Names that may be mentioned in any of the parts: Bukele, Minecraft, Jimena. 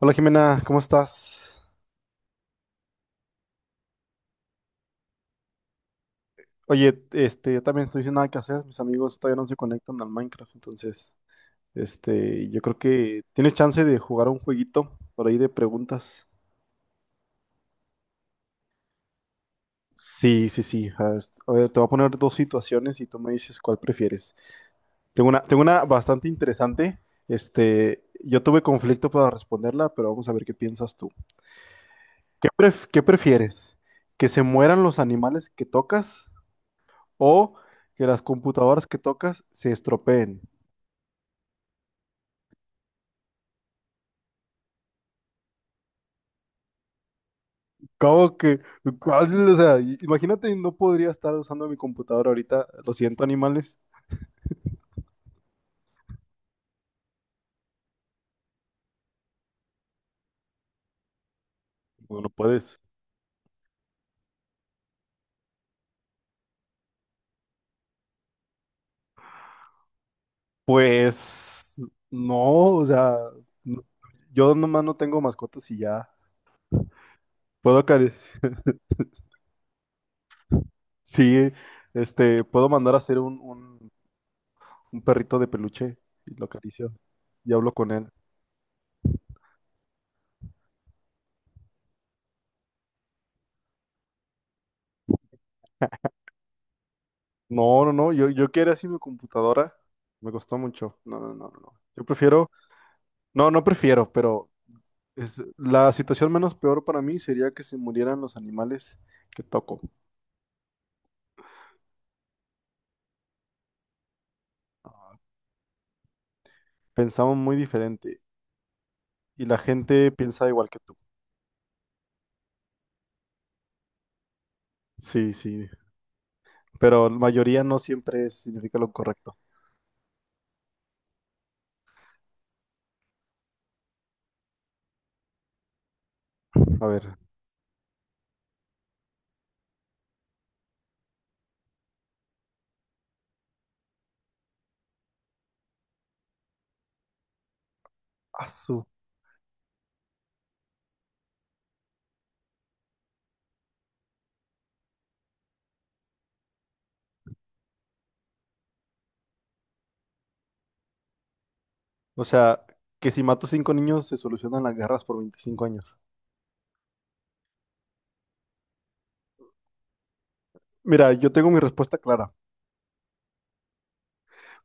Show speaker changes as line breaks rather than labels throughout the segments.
Hola Jimena, ¿cómo estás? Oye, yo también estoy sin nada que hacer, mis amigos todavía no se conectan al Minecraft, entonces, yo creo que tienes chance de jugar un jueguito por ahí de preguntas. Sí, sí, sí, a ver, te voy a poner dos situaciones y tú me dices cuál prefieres. Tengo una bastante interesante, yo tuve conflicto para responderla, pero vamos a ver qué piensas tú. ¿Qué prefieres? ¿Que se mueran los animales que tocas o que las computadoras que tocas se estropeen? ¿Cómo que? ¿Cuál? O sea, imagínate, no podría estar usando mi computadora ahorita. Lo siento, animales. No, no puedes. Pues no, o sea, no- yo nomás no tengo mascotas y ya. Puedo acariciar, sí, puedo mandar a hacer un perrito de peluche y lo acaricio y hablo con él. No, no, no, yo quiero así mi computadora. Me costó mucho. No, no, no, no, no. Yo prefiero. No, no prefiero, pero la situación menos peor para mí sería que se murieran los animales que toco. Pensamos muy diferente y la gente piensa igual que tú. Sí, sí, pero la mayoría no siempre significa lo correcto. A ver, asu. O sea, que si mato cinco niños se solucionan las guerras por 25 años. Mira, yo tengo mi respuesta clara,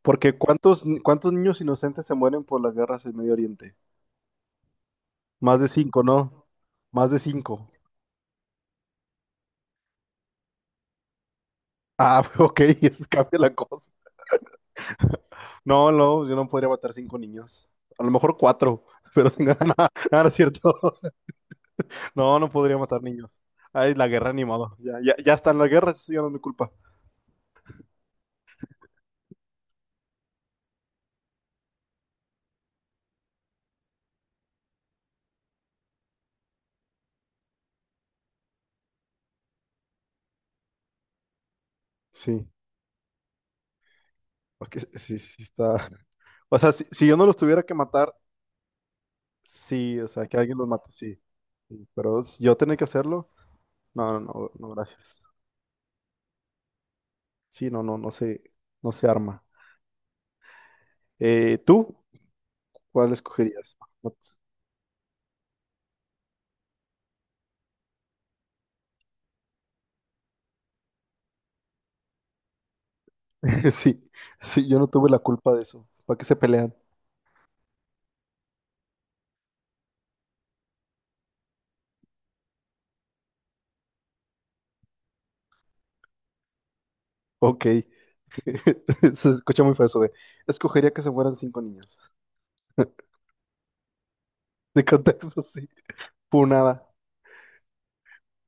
porque ¿cuántos niños inocentes se mueren por las guerras en Medio Oriente? Más de cinco, ¿no? Más de cinco. Ah, ok, eso cambia la cosa. No, no, yo no podría matar cinco niños. A lo mejor cuatro, pero sin ganar, nada. Ah, no es cierto. No, no podría matar niños. Ay, la guerra, ni modo. Ya, ya, ya está en la guerra, eso ya no es mi culpa. Sí, porque sí, sí, sí está. O sea, si yo no los tuviera que matar, sí, o sea, que alguien los mate, sí. Sí, pero si yo tener que hacerlo, no, no, no, no, gracias. Sí, no, no, no se arma. ¿Tú cuál escogerías? No- Sí, sí, yo no tuve la culpa de eso. ¿Para qué se pelean? Ok. Se escucha muy feo eso de, escogería que se fueran cinco niñas. De contexto, sí. Punada.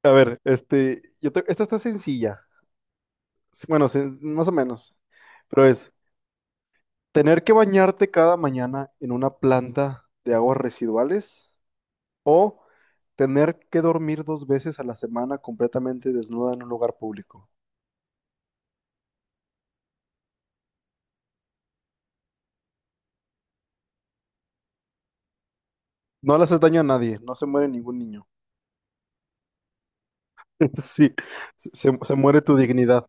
A ver, esta está sencilla. Sí, bueno, más o menos. Pero tener que bañarte cada mañana en una planta de aguas residuales o tener que dormir dos veces a la semana completamente desnuda en un lugar público. No le haces daño a nadie, no se muere ningún niño. Sí, se muere tu dignidad.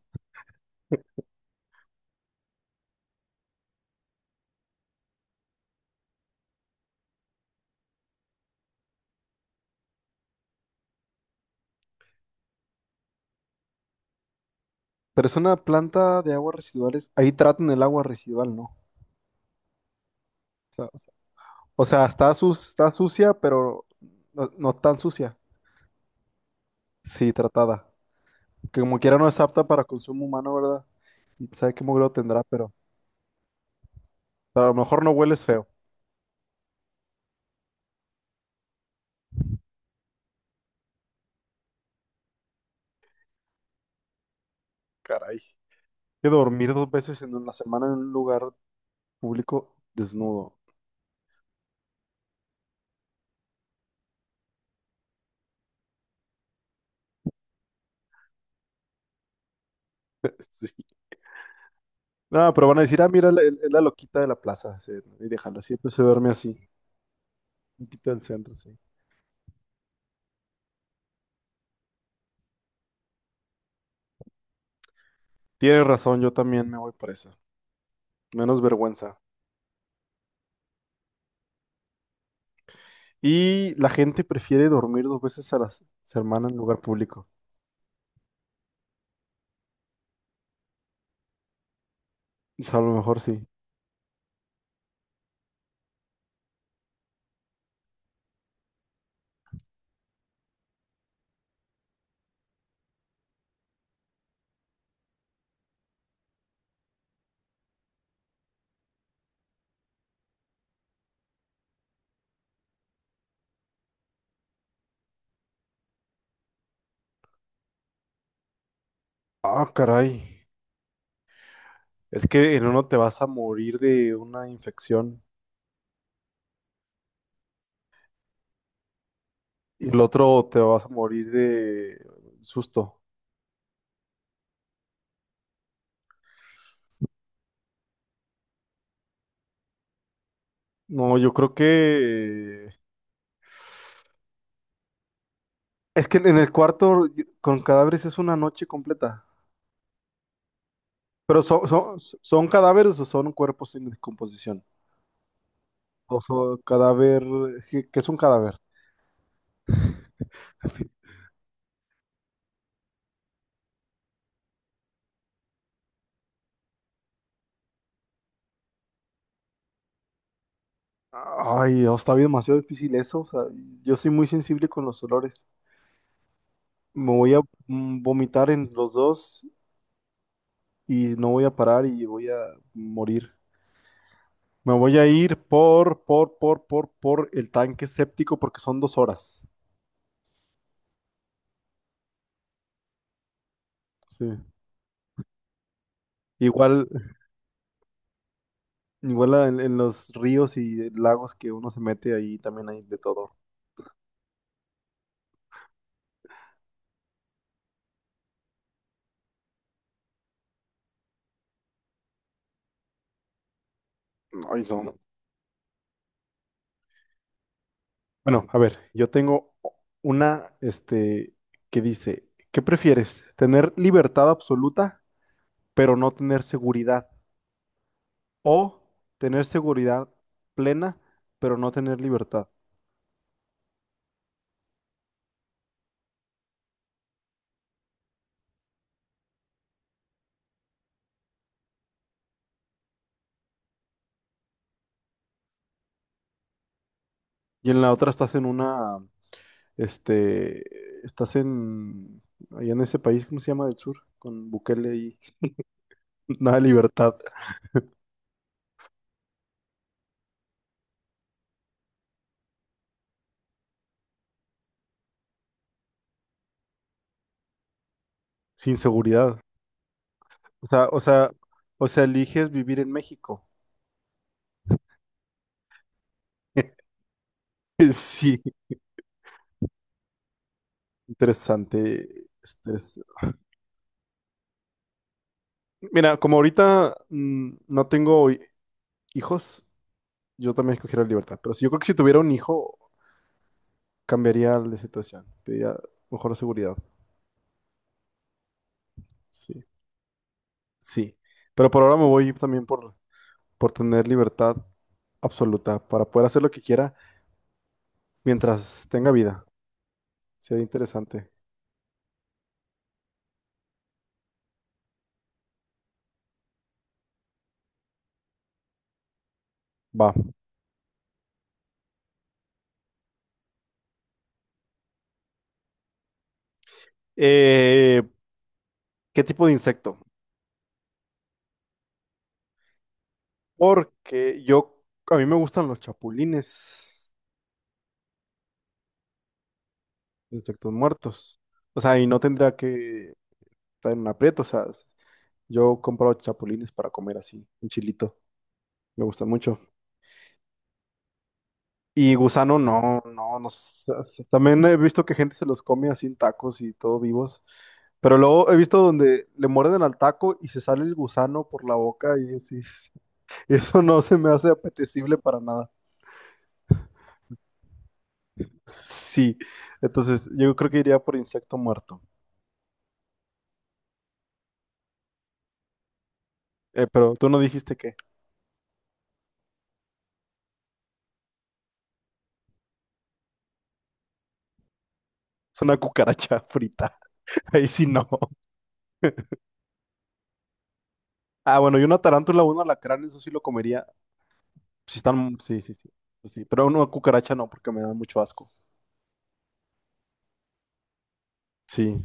Pero es una planta de aguas residuales. Ahí tratan el agua residual, ¿no? Sea, o sea- o sea, está sucia, pero no, no tan sucia. Sí, tratada. Que como quiera no es apta para consumo humano, ¿verdad? Y sabe qué lo tendrá, pero, a lo mejor no hueles feo. Caray. Que dormir dos veces en la semana en un lugar público desnudo. Sí. No, pero van a decir, ah, mira, es la loquita de la plaza. Sí, ¿no? Y déjala, siempre se duerme así. Loquita del centro, sí. Tienes razón, yo también me voy por esa. Menos vergüenza. Y la gente prefiere dormir dos veces a la semana en lugar público. O sea, a lo mejor sí. Ah, caray. Es que en uno te vas a morir de una infección y el otro te vas a morir de susto. No, yo creo que. Es que en el cuarto con cadáveres es una noche completa. Pero son cadáveres o son cuerpos en descomposición. O son cadáver. ¿Qué es un cadáver? Ay, no, está bien, demasiado difícil eso. O sea, yo soy muy sensible con los olores. Me voy a vomitar en los dos y no voy a parar y voy a morir. Me voy a ir por el tanque séptico porque son 2 horas. Sí. Igual, igual en los ríos y lagos que uno se mete ahí también hay de todo. Ay, no. Bueno, a ver, yo tengo una, que dice, ¿qué prefieres? ¿Tener libertad absoluta? Pero no tener seguridad. O tener seguridad plena, pero no tener libertad. Y en la otra estás en una, este, estás en, allá en ese país, ¿cómo se llama? Del sur, con Bukele y nada de libertad, sin seguridad. O sea, o sea, o sea, eliges vivir en México. Sí, interesante. Mira, como ahorita no tengo hijos, yo también escogiera la libertad. Pero si yo creo que si tuviera un hijo, cambiaría la situación, pediría mejor seguridad. Sí, sí. Pero por ahora me voy también por tener libertad absoluta para poder hacer lo que quiera mientras tenga vida. Sería interesante. Va. Eh, ¿Qué tipo de insecto? Porque a mí me gustan los chapulines, los insectos muertos. O sea, y no tendría que estar en un aprieto. O sea, yo compro chapulines para comer así, un chilito. Me gusta mucho. Y gusano, no, no, no sé, también he visto que gente se los come así en tacos y todo vivos. Pero luego he visto donde le muerden al taco y se sale el gusano por la boca y, eso no se me hace apetecible para nada. Sí, entonces yo creo que iría por insecto muerto. Pero tú no dijiste que es una cucaracha frita. Ahí sí no. Ah, bueno, y una tarántula, un alacrán, eso sí lo comería. Si están, sí, sí, sí, eso sí. Pero una cucaracha no, porque me da mucho asco. Sí.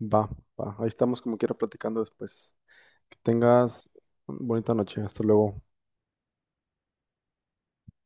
Va, va. Ahí estamos como quiera platicando después. Que tengas una bonita noche. Hasta luego.